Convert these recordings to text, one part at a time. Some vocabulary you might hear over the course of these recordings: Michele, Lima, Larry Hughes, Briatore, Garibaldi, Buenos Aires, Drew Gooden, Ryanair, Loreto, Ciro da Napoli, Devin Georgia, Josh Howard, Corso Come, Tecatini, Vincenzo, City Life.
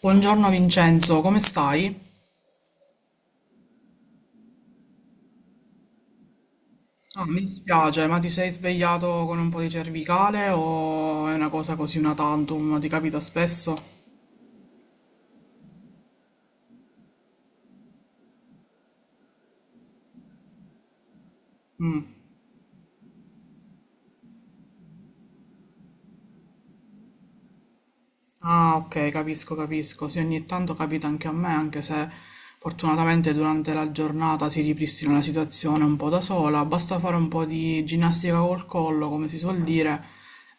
Buongiorno Vincenzo, come stai? Ah, mi dispiace, ma ti sei svegliato con un po' di cervicale o è una cosa così una tantum? Ti capita spesso? Ah, ok, capisco, capisco. Sì, ogni tanto capita anche a me, anche se fortunatamente durante la giornata si ripristina la situazione un po' da sola. Basta fare un po' di ginnastica col collo, come si suol dire,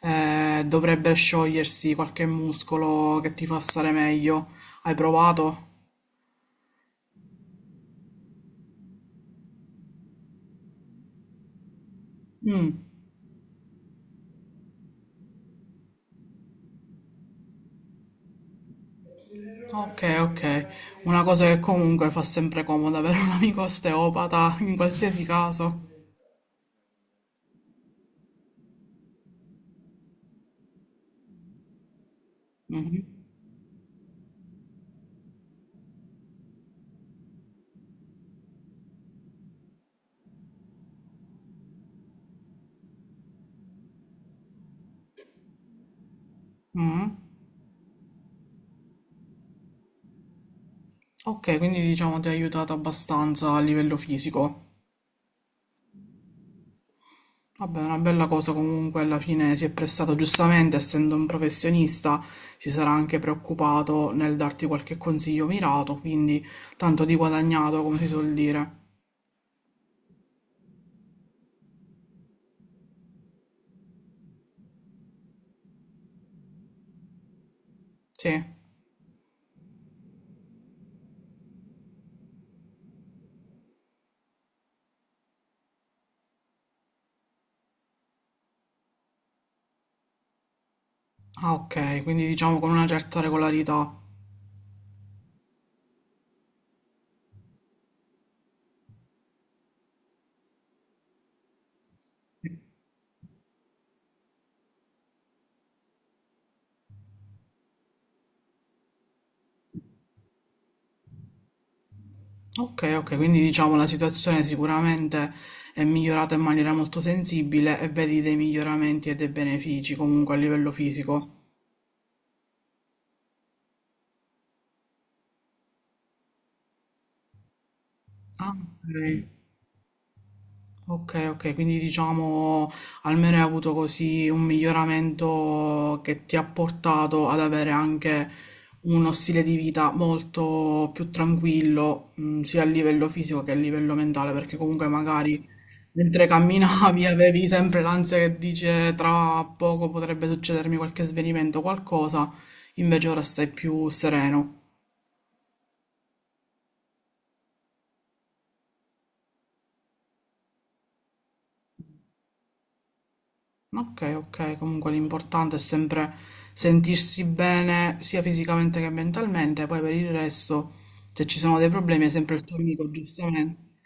eh, dovrebbe sciogliersi qualche muscolo che ti fa stare meglio. Hai provato? Mm. Ok, ok. Una cosa che comunque fa sempre comodo avere un amico osteopata in qualsiasi caso. Mhm. Mhm. Ok, quindi diciamo ti ha aiutato abbastanza a livello fisico. Vabbè, è una bella cosa comunque, alla fine si è prestato giustamente, essendo un professionista, si sarà anche preoccupato nel darti qualche consiglio mirato, quindi tanto di guadagnato, come si suol dire. Sì. Ah, ok, quindi diciamo con una certa regolarità. Okay, okay, quindi diciamo la situazione sicuramente è migliorata in maniera molto sensibile e vedi dei miglioramenti e dei benefici comunque a livello fisico. Ah, ok. Ok, ok, quindi diciamo almeno hai avuto così un miglioramento che ti ha portato ad avere anche uno stile di vita molto più tranquillo, sia a livello fisico che a livello mentale, perché comunque magari mentre camminavi avevi sempre l'ansia che dice tra poco potrebbe succedermi qualche svenimento, o qualcosa, invece ora stai più sereno. Ok, ok, comunque l'importante è sempre sentirsi bene sia fisicamente che mentalmente, poi per il resto, se ci sono dei problemi, è sempre il tuo amico, giustamente.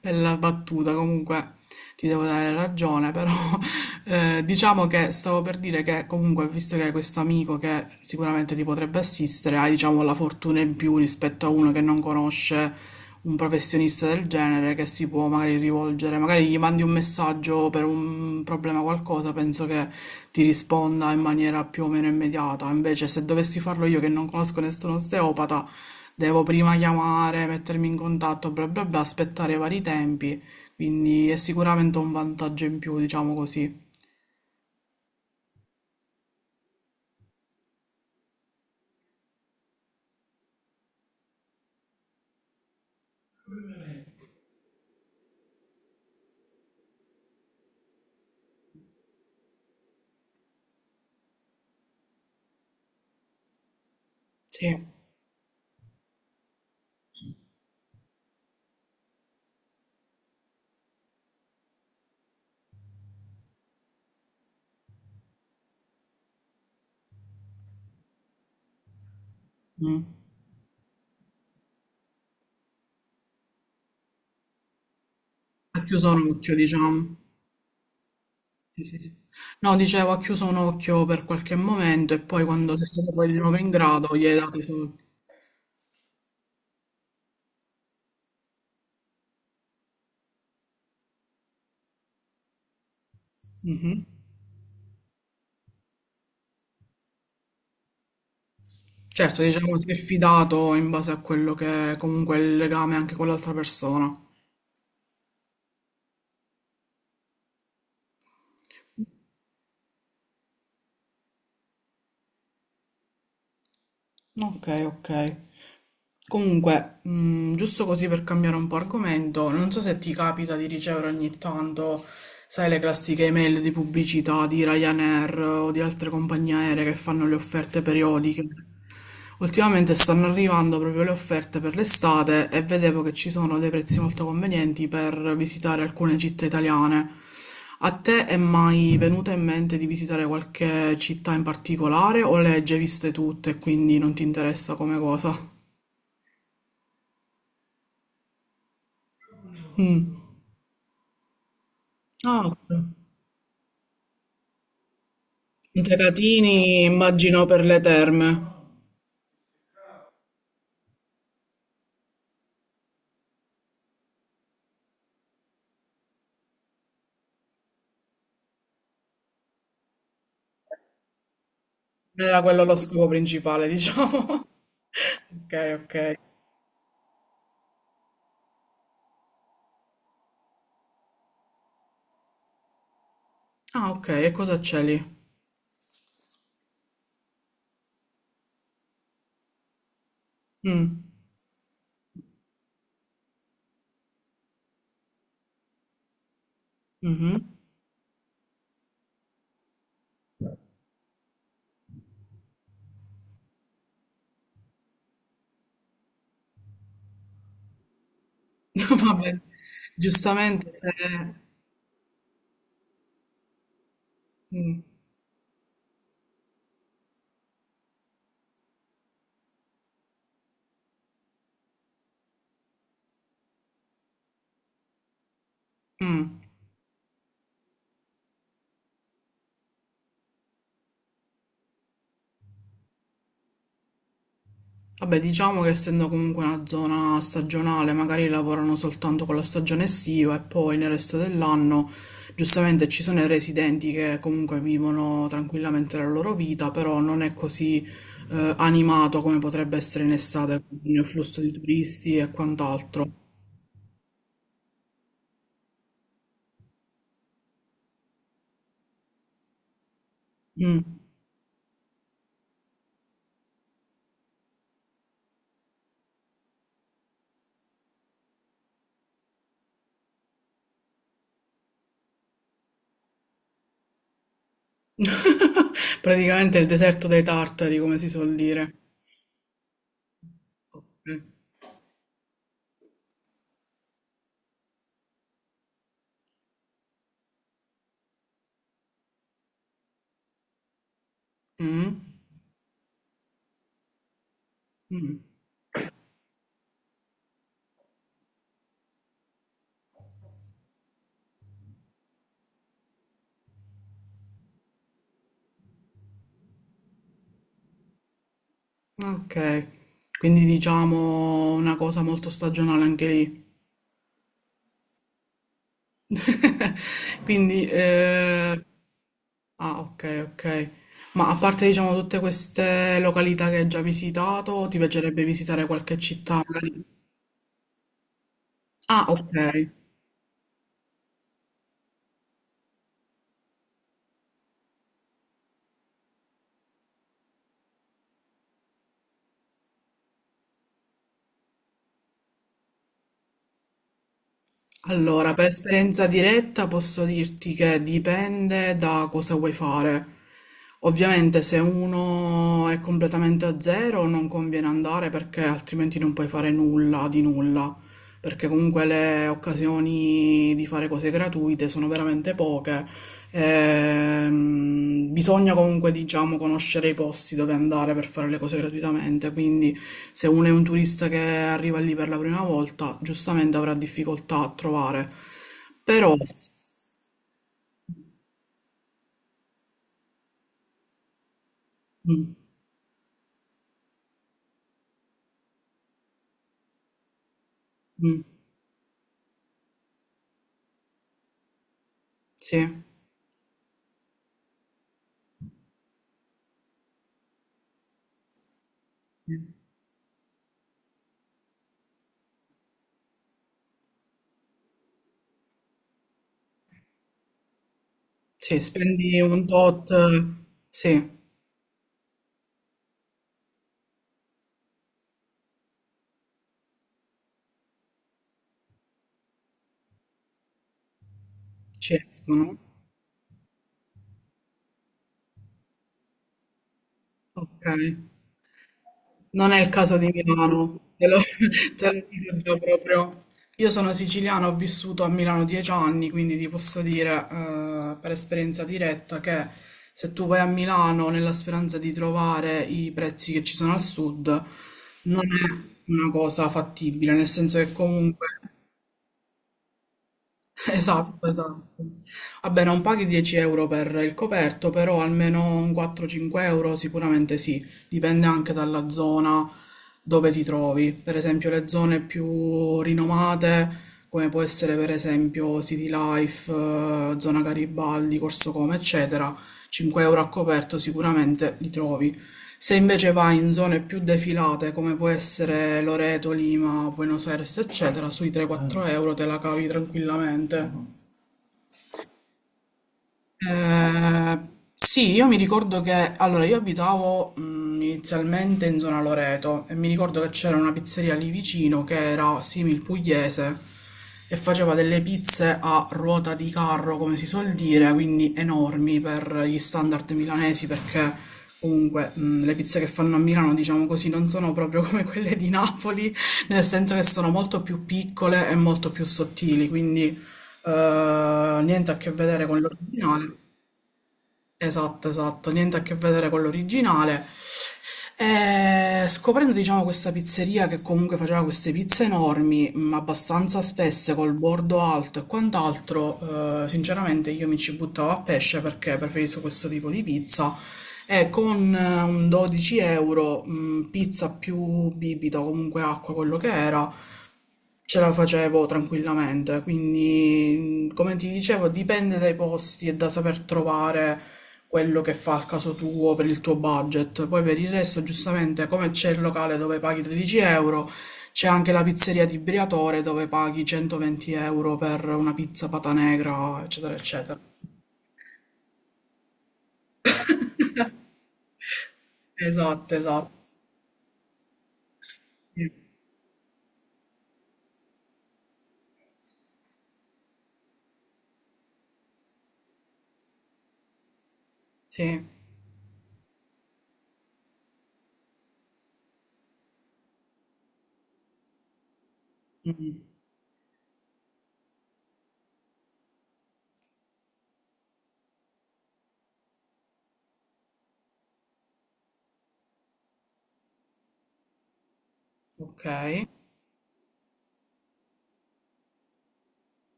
Bella battuta, comunque ti devo dare ragione, però diciamo che stavo per dire che comunque, visto che hai questo amico che sicuramente ti potrebbe assistere, hai diciamo la fortuna in più rispetto a uno che non conosce un professionista del genere che si può magari rivolgere, magari gli mandi un messaggio per un problema o qualcosa, penso che ti risponda in maniera più o meno immediata. Invece se dovessi farlo io che non conosco nessun osteopata, devo prima chiamare, mettermi in contatto, bla bla bla, aspettare i vari tempi, quindi è sicuramente un vantaggio in più, diciamo così. Sì. Mm. Ha chiuso un occhio, diciamo. No, dicevo, ha chiuso un occhio per qualche momento e poi quando sei stato poi di nuovo in grado gli hai dato i soldi. Mhm. Certo, diciamo, si è fidato in base a quello che è comunque è il legame anche con l'altra persona. Ok, ok. Comunque, giusto così per cambiare un po' argomento, non so se ti capita di ricevere ogni tanto, sai, le classiche email di pubblicità di Ryanair o di altre compagnie aeree che fanno le offerte periodiche. Ultimamente stanno arrivando proprio le offerte per l'estate e vedevo che ci sono dei prezzi molto convenienti per visitare alcune città italiane. A te è mai venuta in mente di visitare qualche città in particolare o le hai già viste tutte e quindi non ti interessa come cosa? Mm. Ah, ok. I Tecatini immagino per le terme. Non era quello lo scopo principale, diciamo. Ok, ok. Ah, ok, e cosa c'è lì? Mm. Mhm. Va bene. Giustamente se... Mm. Mm. Vabbè, diciamo che essendo comunque una zona stagionale, magari lavorano soltanto con la stagione estiva e poi nel resto dell'anno, giustamente ci sono i residenti che comunque vivono tranquillamente la loro vita, però non è così animato come potrebbe essere in estate con il flusso di turisti e quant'altro. Mm. Praticamente il deserto dei tartari, come si suol dire. Ok. Mm. Mm. Ok. Quindi diciamo una cosa molto stagionale anche lì. Quindi, eh, ah, ok, ok. Ma a parte, diciamo, tutte queste località che hai già visitato, ti piacerebbe visitare qualche città? Magari? Ah, ok. Allora, per esperienza diretta posso dirti che dipende da cosa vuoi fare. Ovviamente se uno è completamente a zero non conviene andare perché altrimenti non puoi fare nulla di nulla. Perché comunque le occasioni di fare cose gratuite sono veramente poche. Bisogna comunque, diciamo, conoscere i posti dove andare per fare le cose gratuitamente, quindi se uno è un turista che arriva lì per la prima volta, giustamente avrà difficoltà a trovare. Però, mm, mm, sì, sì, spendi un tot, sì, ci escono. Ok. Non è il caso di Milano, te lo, te lo dico già proprio. Io sono siciliana, ho vissuto a Milano 10 anni, quindi ti posso dire per esperienza diretta che se tu vai a Milano nella speranza di trovare i prezzi che ci sono al sud, non è una cosa fattibile, nel senso che comunque Esatto, esatto. Vabbè, non paghi 10 euro per il coperto, però almeno un 4-5 euro sicuramente sì, dipende anche dalla zona dove ti trovi. Per esempio, le zone più rinomate, come può essere per esempio City Life, zona Garibaldi, Corso Come, eccetera, 5 euro a coperto sicuramente li trovi. Se invece vai in zone più defilate, come può essere Loreto, Lima, Buenos Aires, eccetera, sui 3-4 euro te la cavi tranquillamente. Eh, sì, io mi ricordo che allora io abitavo inizialmente in zona Loreto e mi ricordo che c'era una pizzeria lì vicino che era simil pugliese e faceva delle pizze a ruota di carro, come si suol dire, quindi enormi per gli standard milanesi perché comunque le pizze che fanno a Milano, diciamo così, non sono proprio come quelle di Napoli, nel senso che sono molto più piccole e molto più sottili, quindi niente a che vedere con l'originale. Esatto, esatto, niente a che vedere con l'originale. E scoprendo, diciamo, questa pizzeria che comunque faceva queste pizze enormi, abbastanza spesse, col bordo alto e quant'altro, sinceramente io mi ci buttavo a pesce perché preferisco questo tipo di pizza. E con un 12 euro, pizza più bibita o comunque acqua, quello che era, ce la facevo tranquillamente, quindi come ti dicevo dipende dai posti e da saper trovare quello che fa al caso tuo per il tuo budget. Poi per il resto, giustamente, come c'è il locale dove paghi 13 euro, c'è anche la pizzeria di Briatore dove paghi 120 euro per una pizza pata negra, eccetera, eccetera. Esatto, esatto. Sì, ok,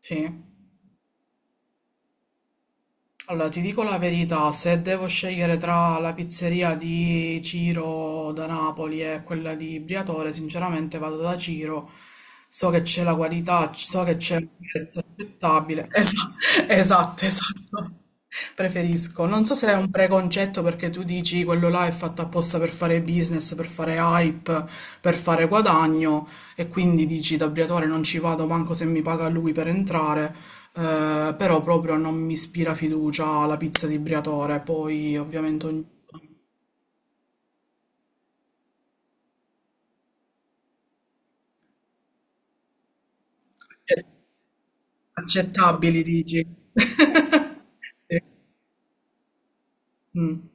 sì. Allora, ti dico la verità, se devo scegliere tra la pizzeria di Ciro da Napoli e quella di Briatore, sinceramente vado da Ciro. So che c'è la qualità, so che c'è un prezzo accettabile. Esatto, esatto. Preferisco. Non so se è un preconcetto perché tu dici quello là è fatto apposta per fare business, per fare hype, per fare guadagno e quindi dici da Briatore non ci vado manco se mi paga lui per entrare. Però proprio non mi ispira fiducia la pizza di Briatore, poi ovviamente ognuno è accettabili, dici. Mm.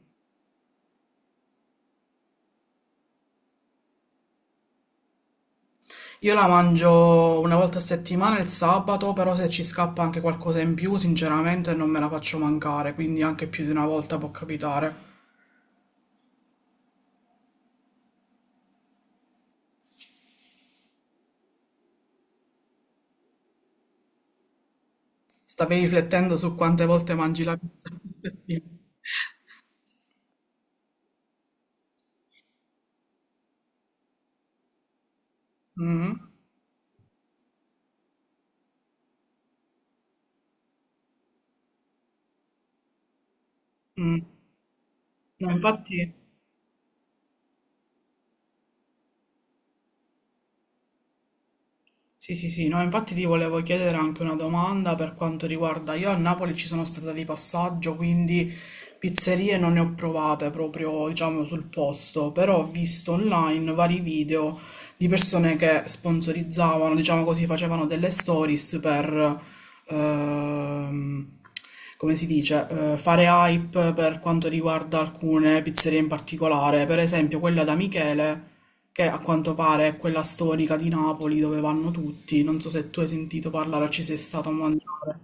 Io la mangio una volta a settimana il sabato, però se ci scappa anche qualcosa in più, sinceramente non me la faccio mancare, quindi anche più di una volta può capitare. Stavi riflettendo su quante volte mangi la pizza? Mm, mm. No, infatti... Sì, sì, sì, no, infatti ti volevo chiedere anche una domanda per quanto riguarda, io a Napoli ci sono stata di passaggio, quindi pizzerie non ne ho provate proprio, diciamo, sul posto, però ho visto online vari video di persone che sponsorizzavano, diciamo così, facevano delle stories per, ehm, come si dice, fare hype per quanto riguarda alcune pizzerie in particolare, per esempio quella da Michele che a quanto pare è quella storica di Napoli dove vanno tutti. Non so se tu hai sentito parlare o ci sei stato a mangiare.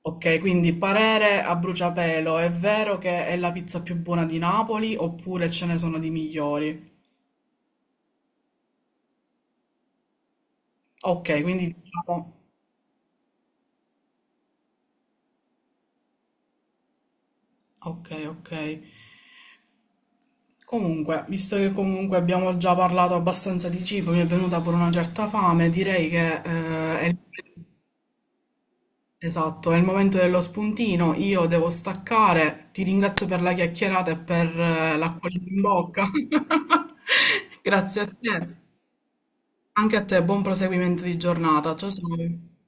Ok, quindi parere a bruciapelo, è vero che è la pizza più buona di Napoli oppure ce ne sono di migliori? Ok, quindi diciamo... Ok, ok. Comunque, visto che comunque abbiamo già parlato abbastanza di cibo, mi è venuta pure una certa fame, direi che è... Esatto, è il momento dello spuntino, io devo staccare, ti ringrazio per la chiacchierata e per l'acquolina in bocca. Grazie a te, anche a te, buon proseguimento di giornata. Ciao ciao.